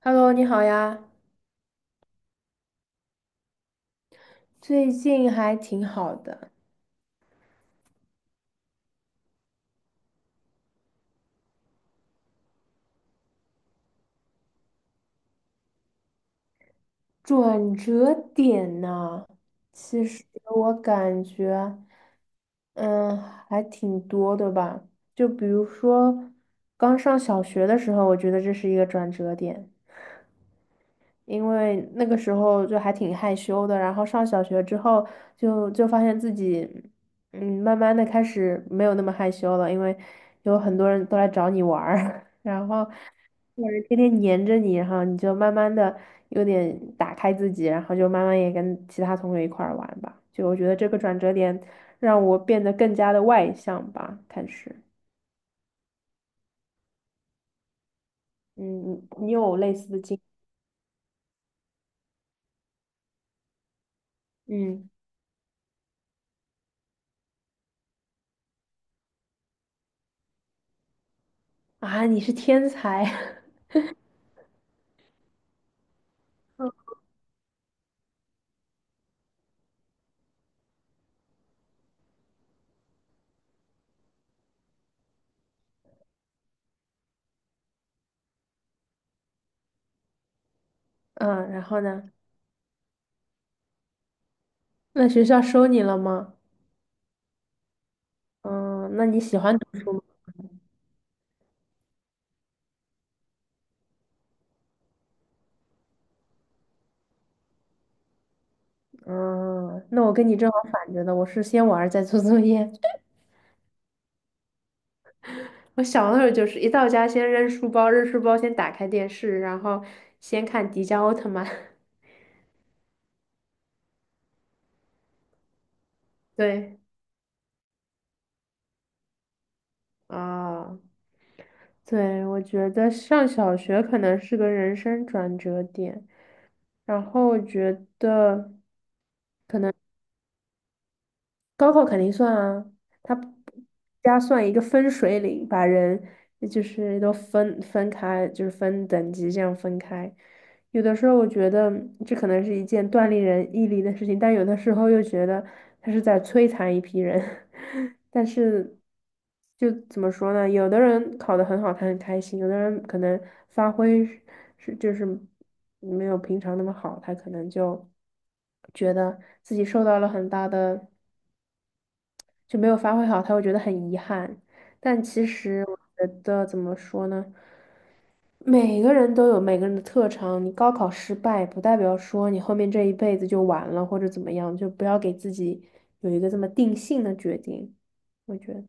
Hello，你好呀，最近还挺好的。转折点呢，其实我感觉，还挺多的吧。就比如说，刚上小学的时候，我觉得这是一个转折点。因为那个时候就还挺害羞的，然后上小学之后就发现自己，慢慢的开始没有那么害羞了，因为有很多人都来找你玩儿，然后有人天天黏着你，然后你就慢慢的有点打开自己，然后就慢慢也跟其他同学一块儿玩吧。就我觉得这个转折点让我变得更加的外向吧。开始，嗯，你有类似的经，嗯，啊，你是天才，嗯，然后呢？那学校收你了吗？嗯，那你喜欢读嗯，那我跟你正好反着的，我是先玩儿再做作业。我小的时候就是一到家先扔书包，扔书包先打开电视，然后先看迪迦奥特曼。对，啊，对，我觉得上小学可能是个人生转折点，然后我觉得。高考肯定算啊，它加算一个分水岭，把人就是都分开，就是分等级这样分开。有的时候我觉得这可能是一件锻炼人毅力的事情，但有的时候又觉得他是在摧残一批人。但是就怎么说呢？有的人考得很好，他很开心；有的人可能发挥是就是没有平常那么好，他可能就觉得自己受到了很大的。就没有发挥好，他会觉得很遗憾。但其实我觉得怎么说呢，每个人都有每个人的特长，你高考失败不代表说你后面这一辈子就完了或者怎么样，就不要给自己有一个这么定性的决定。我觉得，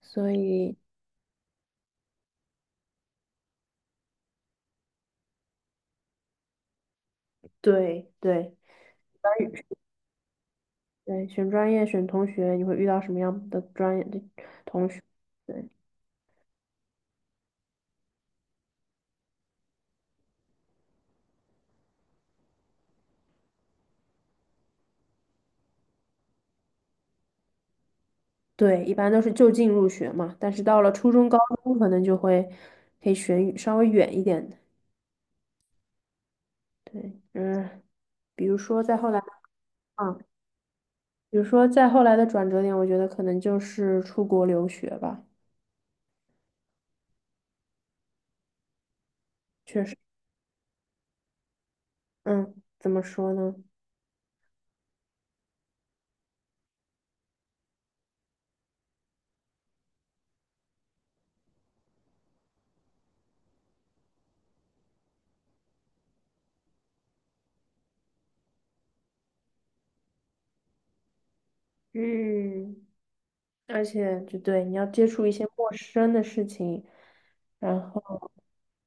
所以对对对，选专业、选同学，你会遇到什么样的专业的同学？对对，一般都是就近入学嘛，但是到了初中、高中，可能就会可以选稍微远一点的。对，嗯，比如说再后来，嗯，比如说再后来的转折点，我觉得可能就是出国留学吧。确实，嗯，怎么说呢？嗯，而且就对，你要接触一些陌生的事情，然后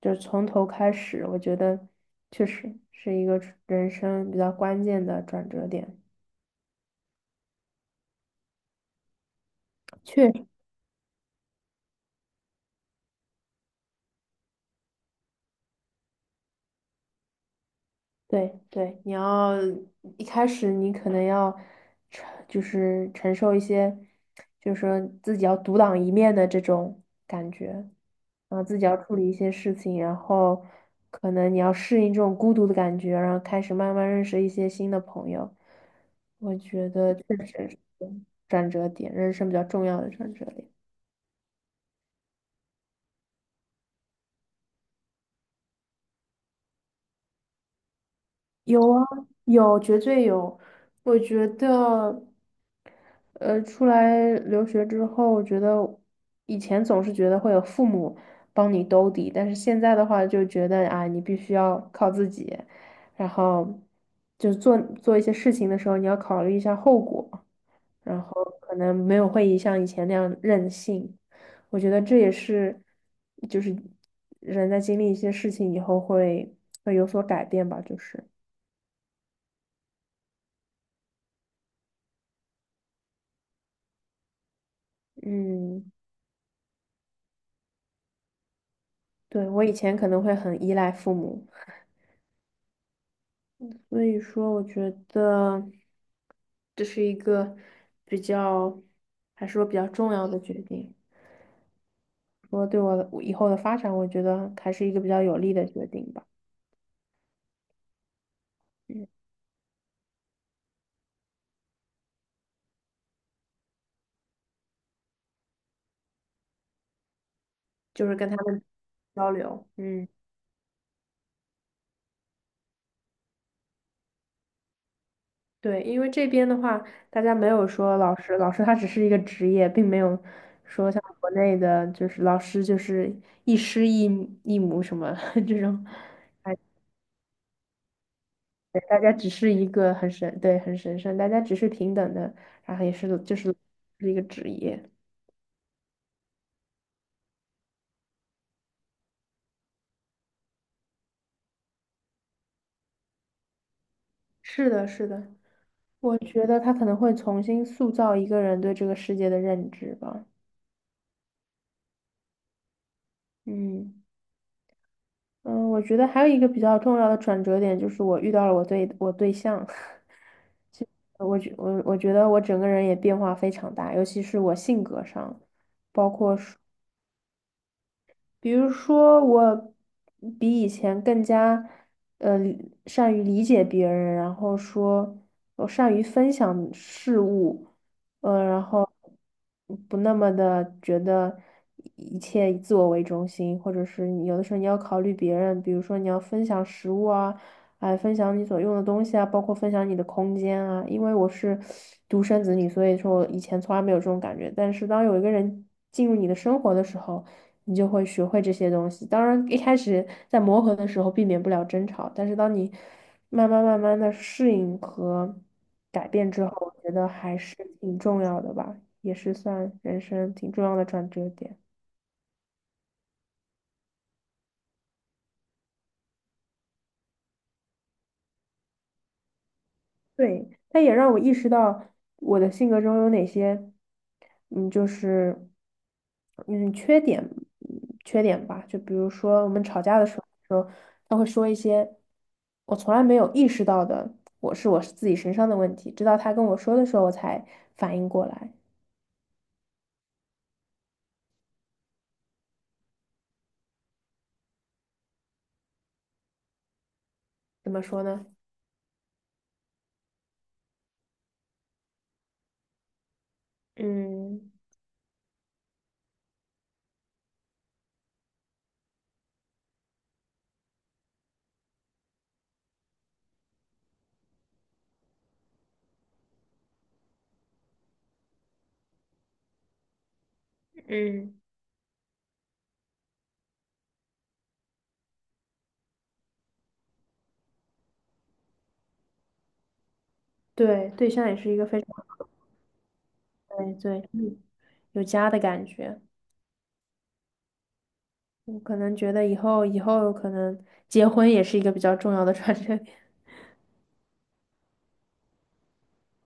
就从头开始，我觉得确实是一个人生比较关键的转折点。确实。对对，你要一开始你可能要承，就是承受一些，就是说自己要独当一面的这种感觉，然后自己要处理一些事情，然后可能你要适应这种孤独的感觉，然后开始慢慢认识一些新的朋友。我觉得确实是转折点，人生比较重要的转折点。有啊，有，绝对有。我觉得，出来留学之后，我觉得以前总是觉得会有父母帮你兜底，但是现在的话就觉得啊，你必须要靠自己，然后就做一些事情的时候，你要考虑一下后果，然后可能没有会像以前那样任性。我觉得这也是，就是人在经历一些事情以后会有所改变吧，就是。嗯，对，我以前可能会很依赖父母，所以说我觉得这是一个比较，还是说比较重要的决定。说对我以后的发展，我觉得还是一个比较有利的决定吧。就是跟他们交流，嗯，对，因为这边的话，大家没有说老师，老师他只是一个职业，并没有说像国内的，就是老师就是一师一母什么 这种。对，大家只是一个很神，对，很神圣，大家只是平等的，然后也是就是是一个职业。是的，是的，我觉得他可能会重新塑造一个人对这个世界的认知吧。嗯嗯，我觉得还有一个比较重要的转折点就是我遇到了我对象，我觉得我整个人也变化非常大，尤其是我性格上。比如说，我比以前更加善于理解别人，然后说我善于分享事物，然后不那么的觉得一切以自我为中心，或者是你有的时候你要考虑别人，比如说你要分享食物啊，哎，分享你所用的东西啊，包括分享你的空间啊。因为我是独生子女，所以说我以前从来没有这种感觉，但是当有一个人进入你的生活的时候，你就会学会这些东西。当然，一开始在磨合的时候避免不了争吵，但是当你慢慢慢慢的适应和改变之后，我觉得还是挺重要的吧，也是算人生挺重要的转折点。对，它也让我意识到我的性格中有哪些，嗯，就是嗯缺点，嗯缺点吧。就比如说我们吵架的时候，他会说一些我从来没有意识到的，我是自己身上的问题，直到他跟我说的时候，我才反应过来。怎么说呢？嗯，嗯对，对象也是一个非常对对嗯有家的感觉。我可能觉得以后可能结婚也是一个比较重要的 转折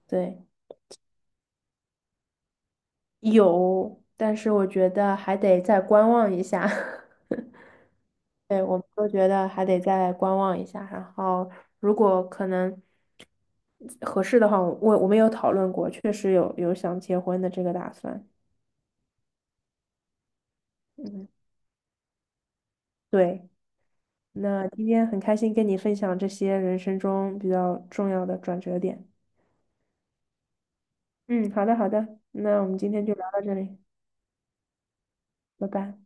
对，有，但是我觉得还得再观望一下。对，我们都觉得还得再观望一下，然后如果可能合适的话，我们有讨论过，确实有想结婚的这个打算。嗯，对，那今天很开心跟你分享这些人生中比较重要的转折点。嗯，好的好的，那我们今天就聊到这里，拜拜。